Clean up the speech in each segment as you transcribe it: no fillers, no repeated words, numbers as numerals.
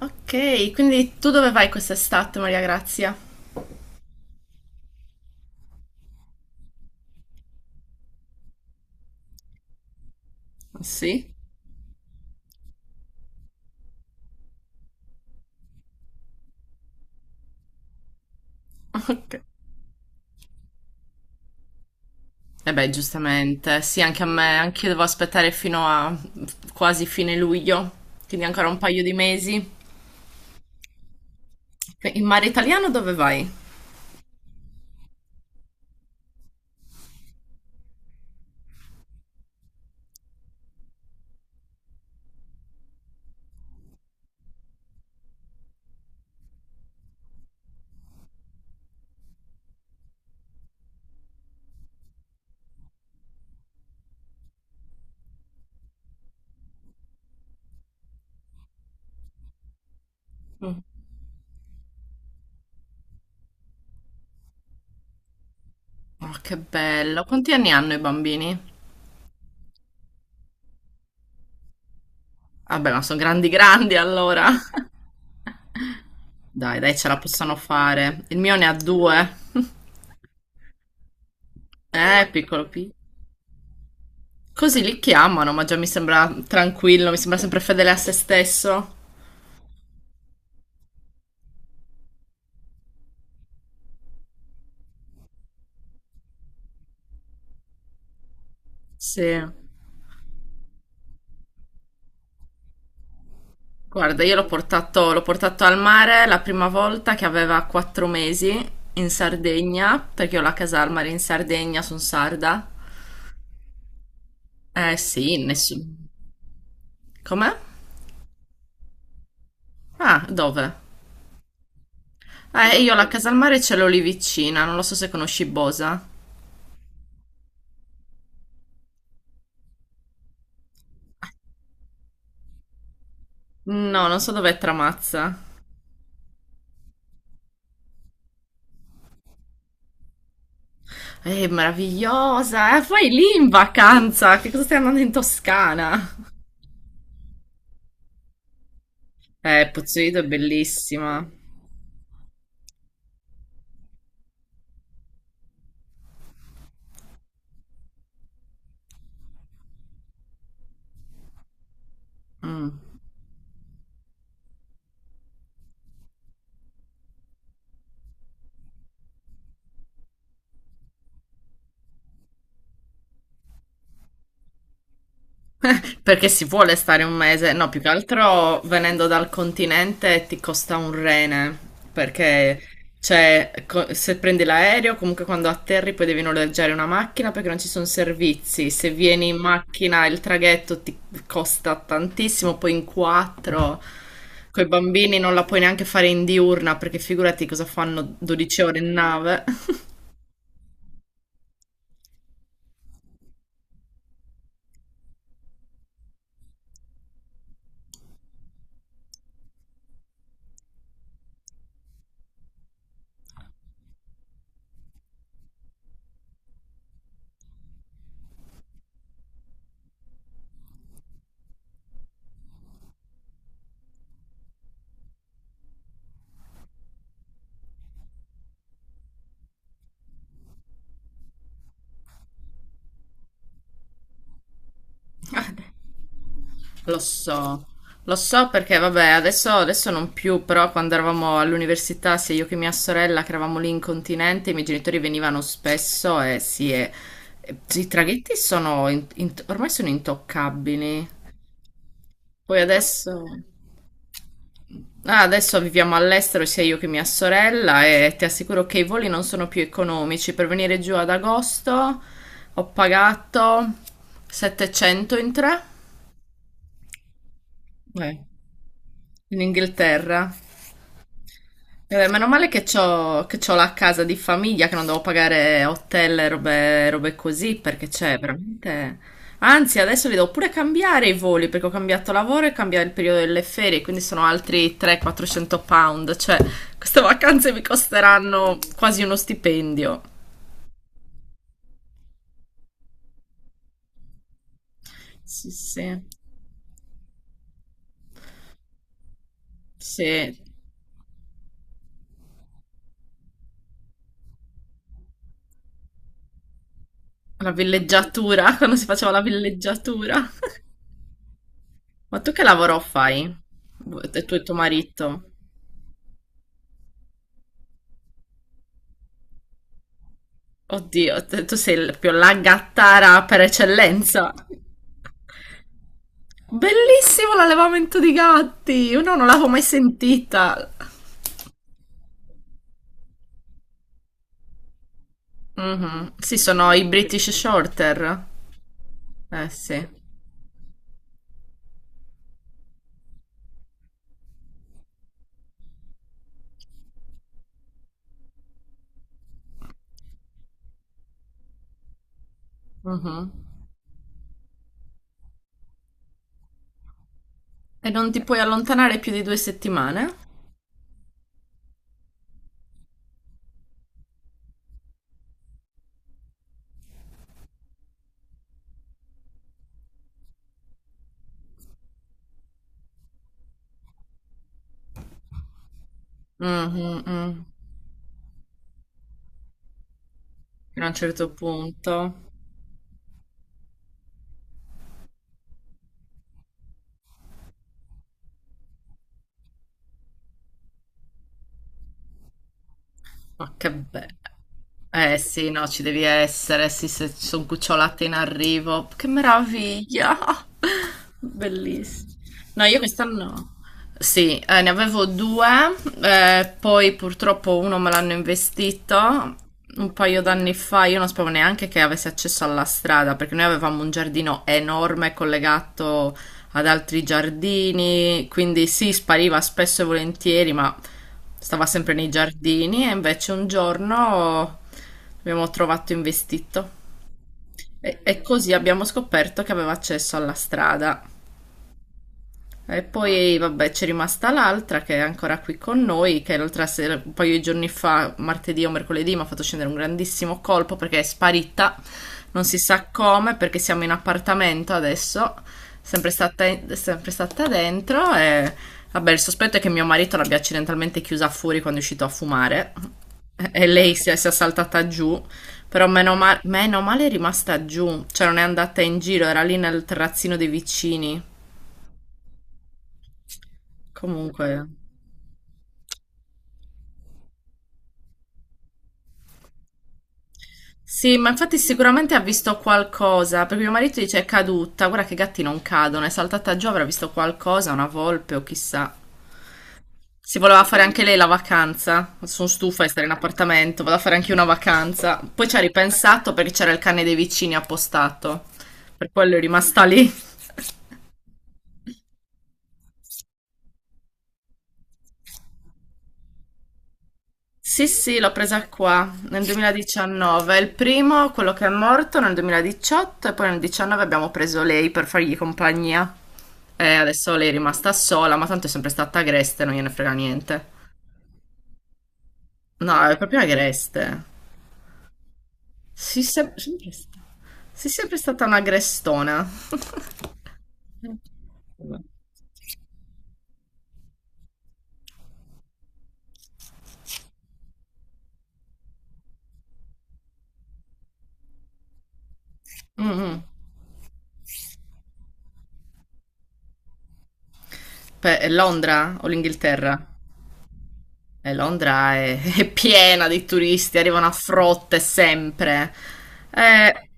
Ok, quindi tu dove vai quest'estate, Maria Grazia? Sì? Ok. E beh, giustamente, sì, anche a me, anche io devo aspettare fino a quasi fine luglio, quindi ancora un paio di mesi. In mare italiano dove vai? Mm. Oh, che bello. Quanti anni hanno i bambini? Vabbè, ma sono grandi grandi allora. Dai, dai, ce la possono fare. Il mio ne ha due. Piccolo piccolo. Così li chiamano, ma già mi sembra tranquillo, mi sembra sempre fedele a se stesso. Sì. Guarda, io l'ho portato al mare la prima volta che aveva quattro mesi in Sardegna, perché ho la casa al mare in Sardegna, sono sarda. Eh sì, nessuno. Com'è? Ah, dove? Io la casa al mare ce l'ho lì vicina, non lo so se conosci Bosa. No, non so dov'è Tramazza. Meravigliosa, vai lì in vacanza, che cosa stai andando in Toscana? Pozzoido è bellissima. Mm. Perché si vuole stare un mese, no, più che altro venendo dal continente ti costa un rene, perché se prendi l'aereo, comunque quando atterri poi devi noleggiare una macchina perché non ci sono servizi, se vieni in macchina il traghetto ti costa tantissimo, poi in quattro, coi bambini non la puoi neanche fare in diurna perché figurati cosa fanno 12 ore in nave. Lo so, lo so perché vabbè, adesso non più, però quando eravamo all'università, sia io che mia sorella, che eravamo lì in continente, i miei genitori venivano spesso e sì, e i traghetti sono ormai sono intoccabili. Poi adesso, ah, adesso viviamo all'estero, sia io che mia sorella, e ti assicuro che i voli non sono più economici. Per venire giù ad agosto ho pagato 700 in tre, eh, in Inghilterra. Eh beh, meno male che c'ho la casa di famiglia, che non devo pagare hotel e robe, robe così, perché c'è veramente... Anzi, adesso li devo pure cambiare i voli, perché ho cambiato lavoro e cambia il periodo delle ferie, quindi sono altri 300-400 pound, cioè queste vacanze mi costeranno quasi uno stipendio. Sì, sì, sì, la villeggiatura, quando si faceva la villeggiatura. Ma tu che lavoro fai? Tu e tuo marito? Oddio, tu sei il più la gattara per eccellenza. Bellissimo l'allevamento di gatti! Io no, non l'avevo mai sentita. Mhm. Sì, sono i British Shorter. Eh sì. Mhm. E non ti puoi allontanare più di due settimane? Mhm, mm. Fino a un certo punto. Ma che bello. Eh sì, no, ci devi essere, sì, se ci sono cucciolate in arrivo. Che meraviglia! Bellissimo. No, io quest'anno... Sì, ne avevo due, poi purtroppo uno me l'hanno investito un paio d'anni fa. Io non sapevo neanche che avesse accesso alla strada, perché noi avevamo un giardino enorme collegato ad altri giardini, quindi sì, spariva spesso e volentieri, ma stava sempre nei giardini e invece un giorno abbiamo trovato investito. E così abbiamo scoperto che aveva accesso alla strada. E poi, vabbè, c'è rimasta l'altra che è ancora qui con noi, che l'altra sera, un paio di giorni fa, martedì o mercoledì, mi ha fatto scendere un grandissimo colpo perché è sparita, non si sa come, perché siamo in appartamento adesso, sempre stata, sempre stata dentro e, vabbè, il sospetto è che mio marito l'abbia accidentalmente chiusa fuori quando è uscito a fumare e si è saltata giù, però meno male è rimasta giù, cioè non è andata in giro, era lì nel terrazzino dei vicini. Comunque... Sì, ma infatti sicuramente ha visto qualcosa, perché mio marito dice è caduta, guarda che i gatti non cadono, è saltata giù, avrà visto qualcosa, una volpe o chissà. Si voleva fare anche lei la vacanza, sono stufa di stare in appartamento, vado a fare anche io una vacanza. Poi ci ha ripensato perché c'era il cane dei vicini appostato, per quello è rimasta lì. Sì, sì, l'ho presa qua nel 2019. Il primo, quello che è morto nel 2018 e poi nel 2019 abbiamo preso lei per fargli compagnia. E adesso lei è rimasta sola, ma tanto è sempre stata agreste, non gliene frega niente. No, è proprio agreste. Sì, sì, sempre stata una agrestona. Mm-mm. È Londra o l'Inghilterra? E Londra è, è piena di turisti, arrivano a frotte sempre. Eh,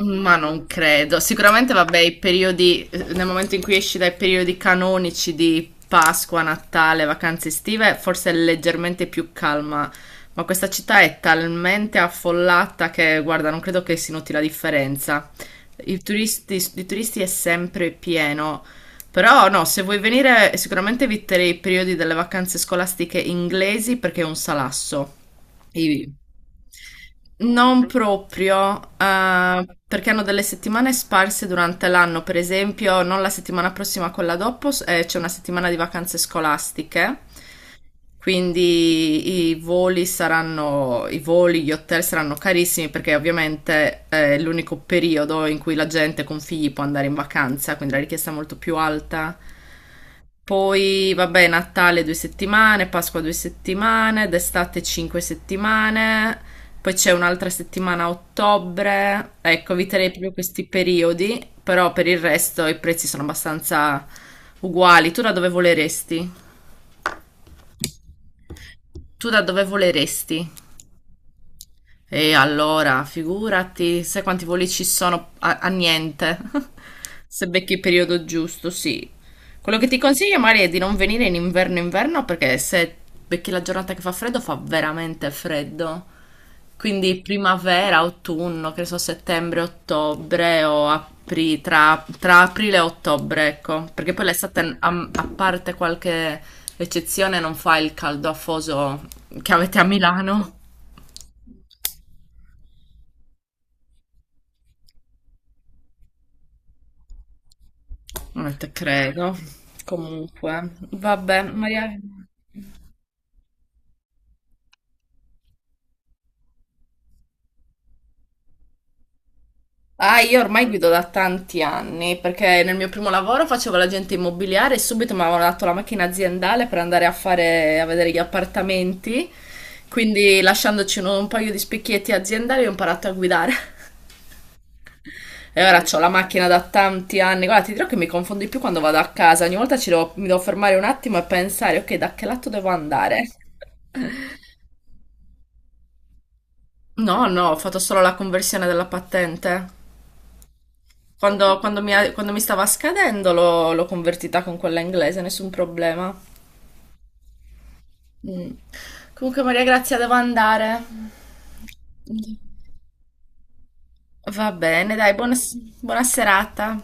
Ma non credo. Sicuramente, vabbè, i periodi, nel momento in cui esci dai periodi canonici di Pasqua, Natale, vacanze estive, forse è leggermente più calma. Ma questa città è talmente affollata che, guarda, non credo che si noti la differenza. I turisti, di turisti è sempre pieno. Però no, se vuoi venire, sicuramente eviterei i periodi delle vacanze scolastiche inglesi perché è un salasso. I- Non proprio, perché hanno delle settimane sparse durante l'anno, per esempio, non la settimana prossima, quella dopo, c'è una settimana di vacanze scolastiche, quindi i voli, gli hotel saranno carissimi perché ovviamente è l'unico periodo in cui la gente con figli può andare in vacanza, quindi la richiesta è molto più alta. Poi, vabbè, Natale due settimane, Pasqua due settimane, d'estate cinque settimane, poi c'è un'altra settimana a ottobre. Ecco, eviterei proprio questi periodi, però per il resto i prezzi sono abbastanza uguali. Tu da dove voleresti? Tu da dove voleresti? E allora, figurati, sai quanti voli ci sono a, a niente. Se becchi il periodo giusto, sì. Quello che ti consiglio, Mari, è di non venire in inverno inverno perché se becchi la giornata che fa freddo, fa veramente freddo. Quindi primavera, autunno, che ne so, settembre, ottobre o tra, tra aprile e ottobre, ecco. Perché poi l'estate, a parte qualche eccezione, non fa il caldo afoso che avete a Milano. Non te credo. Comunque, vabbè, Maria. Ah, io ormai guido da tanti anni perché nel mio primo lavoro facevo l'agente immobiliare e subito mi avevano dato la macchina aziendale per andare a fare, a vedere gli appartamenti. Quindi, lasciandoci un paio di specchietti aziendali, ho imparato a guidare. E ora ho la macchina da tanti anni. Guarda, ti dirò che mi confondo di più quando vado a casa. Ogni volta ci mi devo fermare un attimo e pensare, ok, da che lato devo andare? No, no, ho fatto solo la conversione della patente. Quando mi stava scadendo l'ho convertita con quella inglese, nessun problema. Mm. Comunque, Maria Grazia, devo andare. Va bene, dai, buona, buona serata.